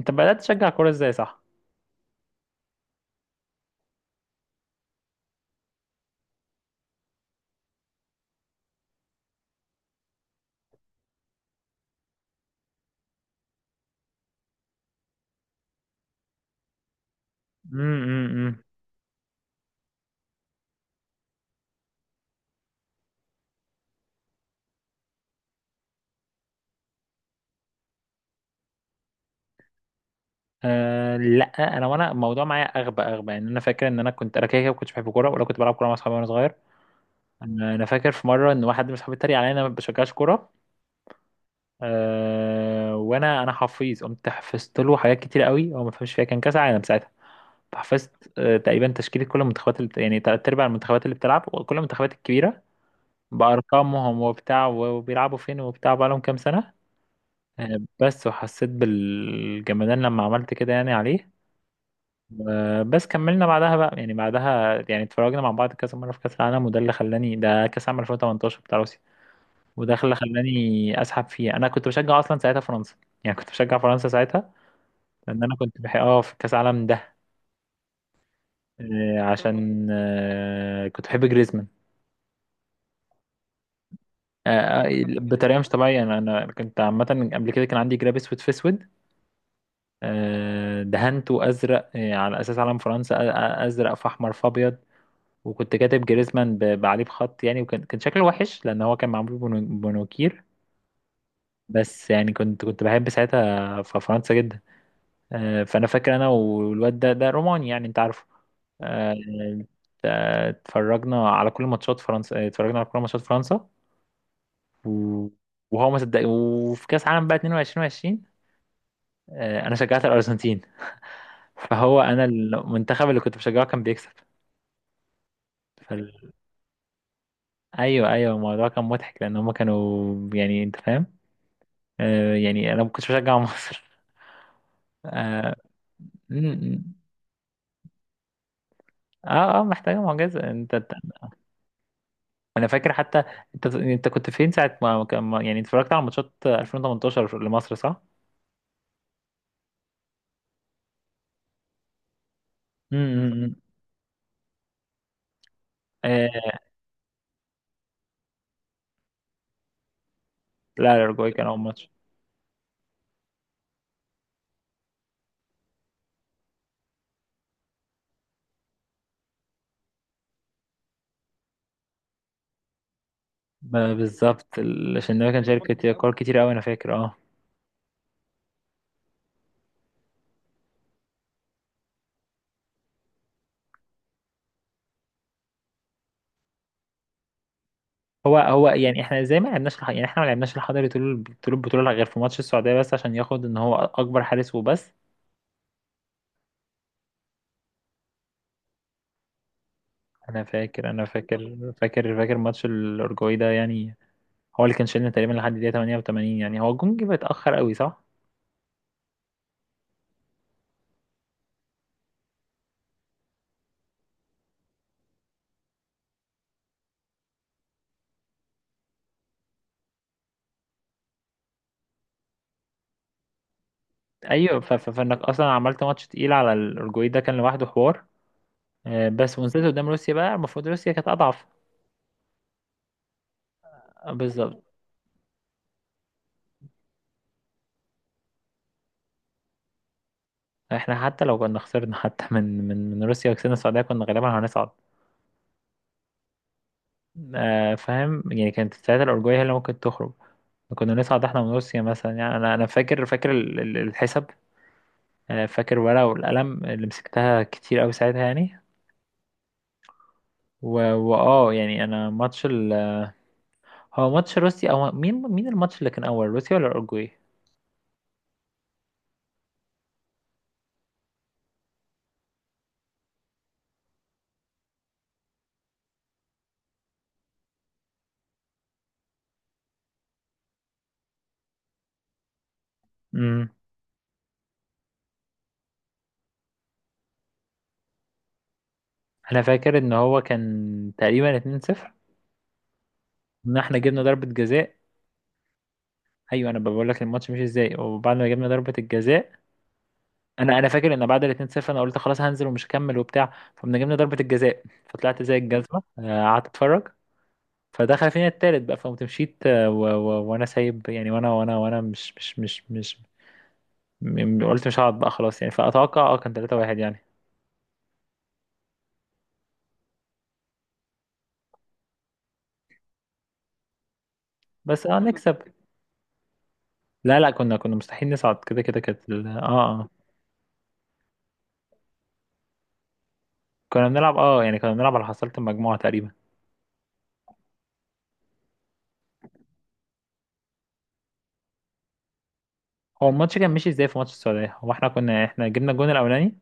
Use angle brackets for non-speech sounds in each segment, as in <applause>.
انت بدأت تشجع كورة ازاي صح؟ امم امم، امم. لا، انا الموضوع معايا اغبى اغبى، يعني انا فاكر ان انا كنت كده كده ما كنتش بحب كوره، ولا كنت بلعب كوره مع اصحابي وانا صغير. انا فاكر في مره ان واحد من اصحابي اتريق عليا ان انا ما بشجعش كوره. وانا حفيظ، قمت حفظت له حاجات كتير قوي هو ما فهمش فيها، كان كاس عالم ساعتها. حفظت تقريبا تشكيله كل المنتخبات اللي يعني تلات ارباع المنتخبات اللي بتلعب، وكل المنتخبات الكبيره بارقامهم وبتاع، وبيلعبوا فين وبتاع، بقالهم كام سنه. بس، وحسيت بالجمدان لما عملت كده يعني عليه. بس كملنا بعدها بقى، يعني بعدها يعني اتفرجنا مع بعض كذا مره في كاس العالم، وده اللي خلاني، ده كاس عام 2018 بتاع روسيا. وده اللي خلاني اسحب فيه، انا كنت بشجع اصلا ساعتها فرنسا. يعني كنت بشجع فرنسا ساعتها، لان انا كنت بحب في كاس العالم ده، عشان كنت بحب جريزمان. بطريقه مش طبيعيه، انا كنت عامه قبل كده كان عندي جراب اسود في اسود، دهنته ازرق، على اساس علم فرنسا، ازرق في احمر في ابيض. وكنت كاتب جريزمان عليه بخط يعني، وكان كان شكله وحش لان هو كان معمول بمونوكير. بس يعني كنت بحب ساعتها في فرنسا جدا. فانا فاكر انا والواد ده، ده روماني يعني، انت عارفه. آه، اتفرجنا على كل ماتشات فرنسا، آه، اتفرجنا على كل ماتشات فرنسا و- وهو ما صدق. وفي كاس عالم بقى 22 20، انا شجعت الارجنتين <laughs> فهو انا المنتخب اللي كنت بشجعه كان بيكسب. فال... ايوه ايوه، الموضوع كان مضحك لان هم كانوا يعني، انت فاهم، يعني انا ما كنتش بشجع مصر <laughs> اه. م- م. اه، محتاجه معجزه انت. انا فاكر حتى، انت كنت فين ساعه ما كان ما- يعني اتفرجت على ماتشات 2018 لمصر صح؟ امم. آه لا، الأورجواي كان أول ماتش. ما بالظبط الشناوي كان شارك كتير، كتير قوي، أنا فاكر اه. هو يعني، احنا زي ما لعبناش يعني احنا ما لعبناش الحضري طول طول البطولة غير في ماتش السعودية بس، عشان ياخد ان هو أكبر حارس وبس. أنا فاكر ماتش الأورجواي ده، يعني هو اللي كان شايلنا تقريبا لحد دقيقة 88، يعني هو الجون جه متأخر قوي صح؟ ايوه فانك اصلا عملت ماتش تقيل على الاورجواي، ده كان لوحده حوار. بس ونزلت قدام روسيا بقى، المفروض روسيا كانت اضعف. بالظبط. احنا حتى لو كنا خسرنا حتى من روسيا وكسبنا السعوديه كنا غالبا هنصعد. فاهم يعني، كانت ساعتها الاورجواي هي اللي ممكن تخرج. كنا نصعد احنا من روسيا مثلا يعني، انا فاكر الحساب، فاكر ورقه والقلم اللي مسكتها كتير قوي ساعتها يعني. واه يعني، انا هو ماتش روسيا او مين الماتش اللي كان اول، روسيا ولا الاورجواي؟ انا فاكر ان هو كان تقريبا 2-0، ان احنا جبنا ضربة جزاء. ايوه انا بقول لك الماتش مش ازاي، وبعد ما جبنا ضربة الجزاء، انا فاكر ان بعد ال 2-0 انا قلت خلاص هنزل ومش هكمل وبتاع، فقمنا جبنا ضربة الجزاء، فطلعت زي الجزمة، قعدت اتفرج. فدخل فينا التالت بقى فقمت مشيت، وانا سايب يعني، وانا وانا وانا مش مش مش مش م- قلت مش هقعد بقى خلاص يعني، فاتوقع اه كان 3-1 يعني. بس اه نكسب. لا لا، كنا مستحيل نصعد كده كده، كانت اه كنا بنلعب يعني، كنا بنلعب على حصيلة المجموعة تقريبا. هو الماتش كان ماشي ازاي في ماتش السعودية؟ هو احنا احنا جبنا الجون الاولاني.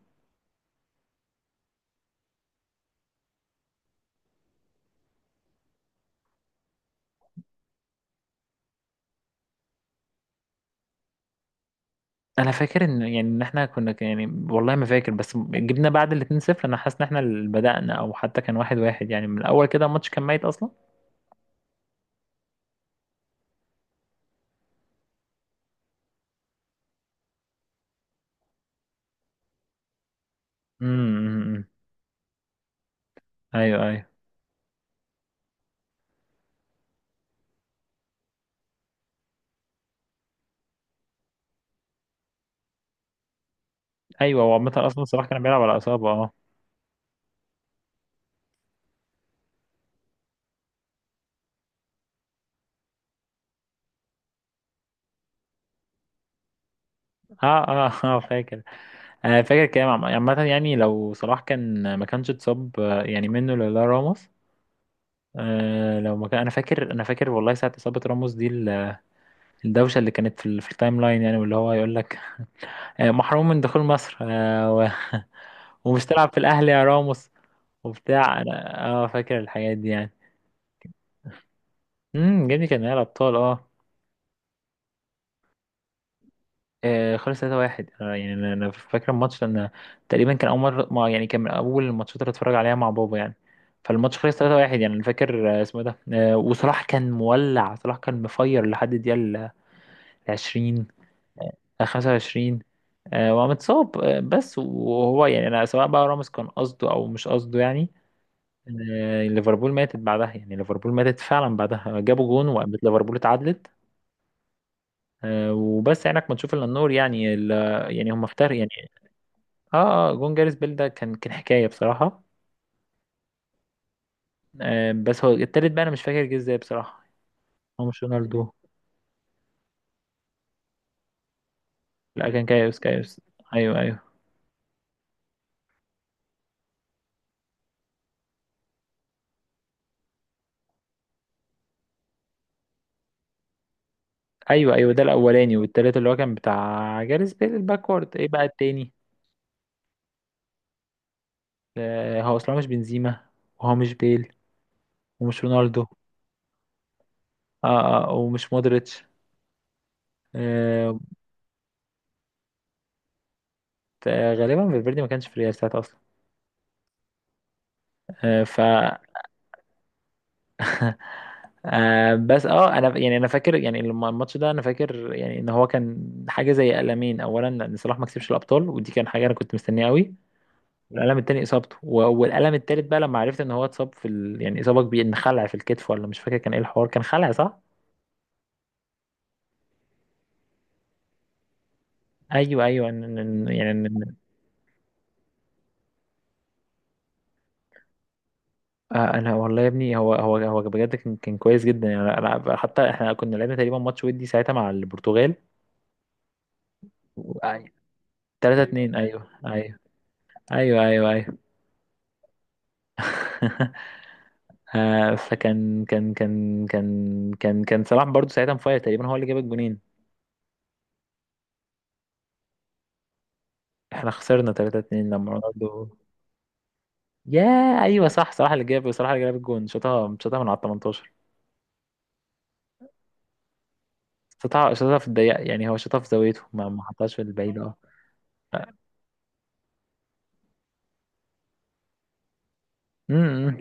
انا فاكر ان يعني ان احنا كنا يعني والله ما فاكر، بس جبنا بعد الاتنين صفر، انا حاسس ان احنا اللي بدأنا، او حتى كان واحد واحد يعني، من الاول كده الماتش كان ميت اصلا. امم. ايوه ايوه ايوه. هو عامة اصلا صلاح كان بيلعب على اصابة اه. اه اه <laughs> اه فاكر. انا فاكر كلام عامة يعني، لو صلاح كان ما كانش اتصاب، يعني منه لولا راموس. آه لو ما كان، انا فاكر انا فاكر والله ساعة اصابة راموس دي، الدوشة اللي كانت في التايم لاين يعني، واللي هو يقول لك محروم من دخول مصر، <laughs> ومش تلعب في الأهلي يا راموس، وبتاع. أنا اه فاكر الحاجات دي يعني. امم، جابني كان نهائي الأبطال اه. خلص 3-1، يعني أنا أنا فاكر الماتش لأن تقريبا كان أول مرة، ما يعني كان من أول الماتشات اللي اتفرج عليها مع بابا يعني. فالماتش خلص 3-1 يعني، أنا فاكر اسمه إيه ده. وصلاح كان مولع، صلاح كان مفير لحد الدقيقة العشرين، خمسة وعشرين، ومتصاب. بس وهو يعني، أنا سواء بقى راموس كان قصده أو مش قصده يعني. ليفربول ماتت بعدها يعني، ليفربول ماتت فعلا بعدها جابوا جون وقامت ليفربول اتعادلت. وبس عينك ما تشوف الا النور يعني، يعني هم افتر يعني. اه اه جون جاريث بيل ده كان كان حكايه بصراحه. بس هو التالت بقى انا مش فاكر جه ازاي بصراحه. هو مش رونالدو. لا كان كايوس كايوس. ايوه ايوه ايوه ايوه، ده الاولاني، والتالت اللي هو كان بتاع جاريث بيل، الباكورد، ايه بقى التاني؟ هو اصلا مش بنزيما، وهو مش بيل، ومش رونالدو. اه اه ومش مودريتش. آه، غالبا فالفيردي ما كانش في الريال ساعتها اصلا. آه، ف آه، بس اه انا يعني انا فاكر يعني، لما الماتش ده انا فاكر يعني ان هو كان حاجه زي قلمين، اولا ان صلاح ما كسبش الابطال ودي كان حاجه انا كنت مستنيها قوي، والقلم التاني اصابته، والقلم التالت بقى لما عرفت ان هو اتصاب يعني اصابه كبيره، ان خلع في الكتف ولا مش فاكر كان ايه الحوار، كان خلع صح؟ ايوه ايوه إن- يعني إن- انا والله يا ابني، هو بجد كان كان كويس جدا يعني، حتى احنا كنا لعبنا تقريبا ماتش ودي ساعتها مع البرتغال و- 3 2. ايوه ايوه ايوه ايوه ايوه <laughs> فكان كان كان كان كان كان صلاح برضو ساعتها مفاير تقريبا، هو اللي جاب الجونين. احنا خسرنا 3 2 لما رونالدو. يا ايوه صح، صلاح اللي جاب، صلاح اللي جاب الجون، شاطها شاطها من على 18، شاطها شاطها في الضيق يعني، هو شاطها في زاويته، ما ما حطهاش في البعيد اه. أمم.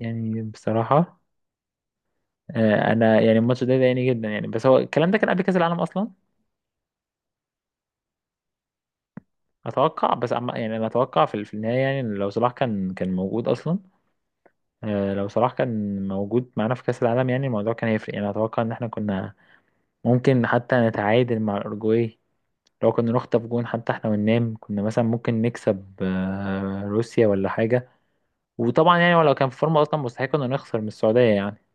يعني بصراحة، آه انا يعني الماتش ده ضايقني جدا يعني. بس هو الكلام ده كان قبل كأس العالم اصلا، اتوقع. بس يعني انا اتوقع في في النهاية يعني، إن لو صلاح كان كان موجود اصلا، لو صلاح كان موجود معانا في كأس العالم، يعني الموضوع كان هيفرق، يعني أتوقع إن احنا كنا ممكن حتى نتعادل مع الأورجواي. لو كنا نخطف جون حتى احنا وننام، كنا مثلا ممكن نكسب روسيا ولا حاجة. وطبعا يعني لو كان في فورمة أصلا، مستحيل كنا نخسر من السعودية يعني.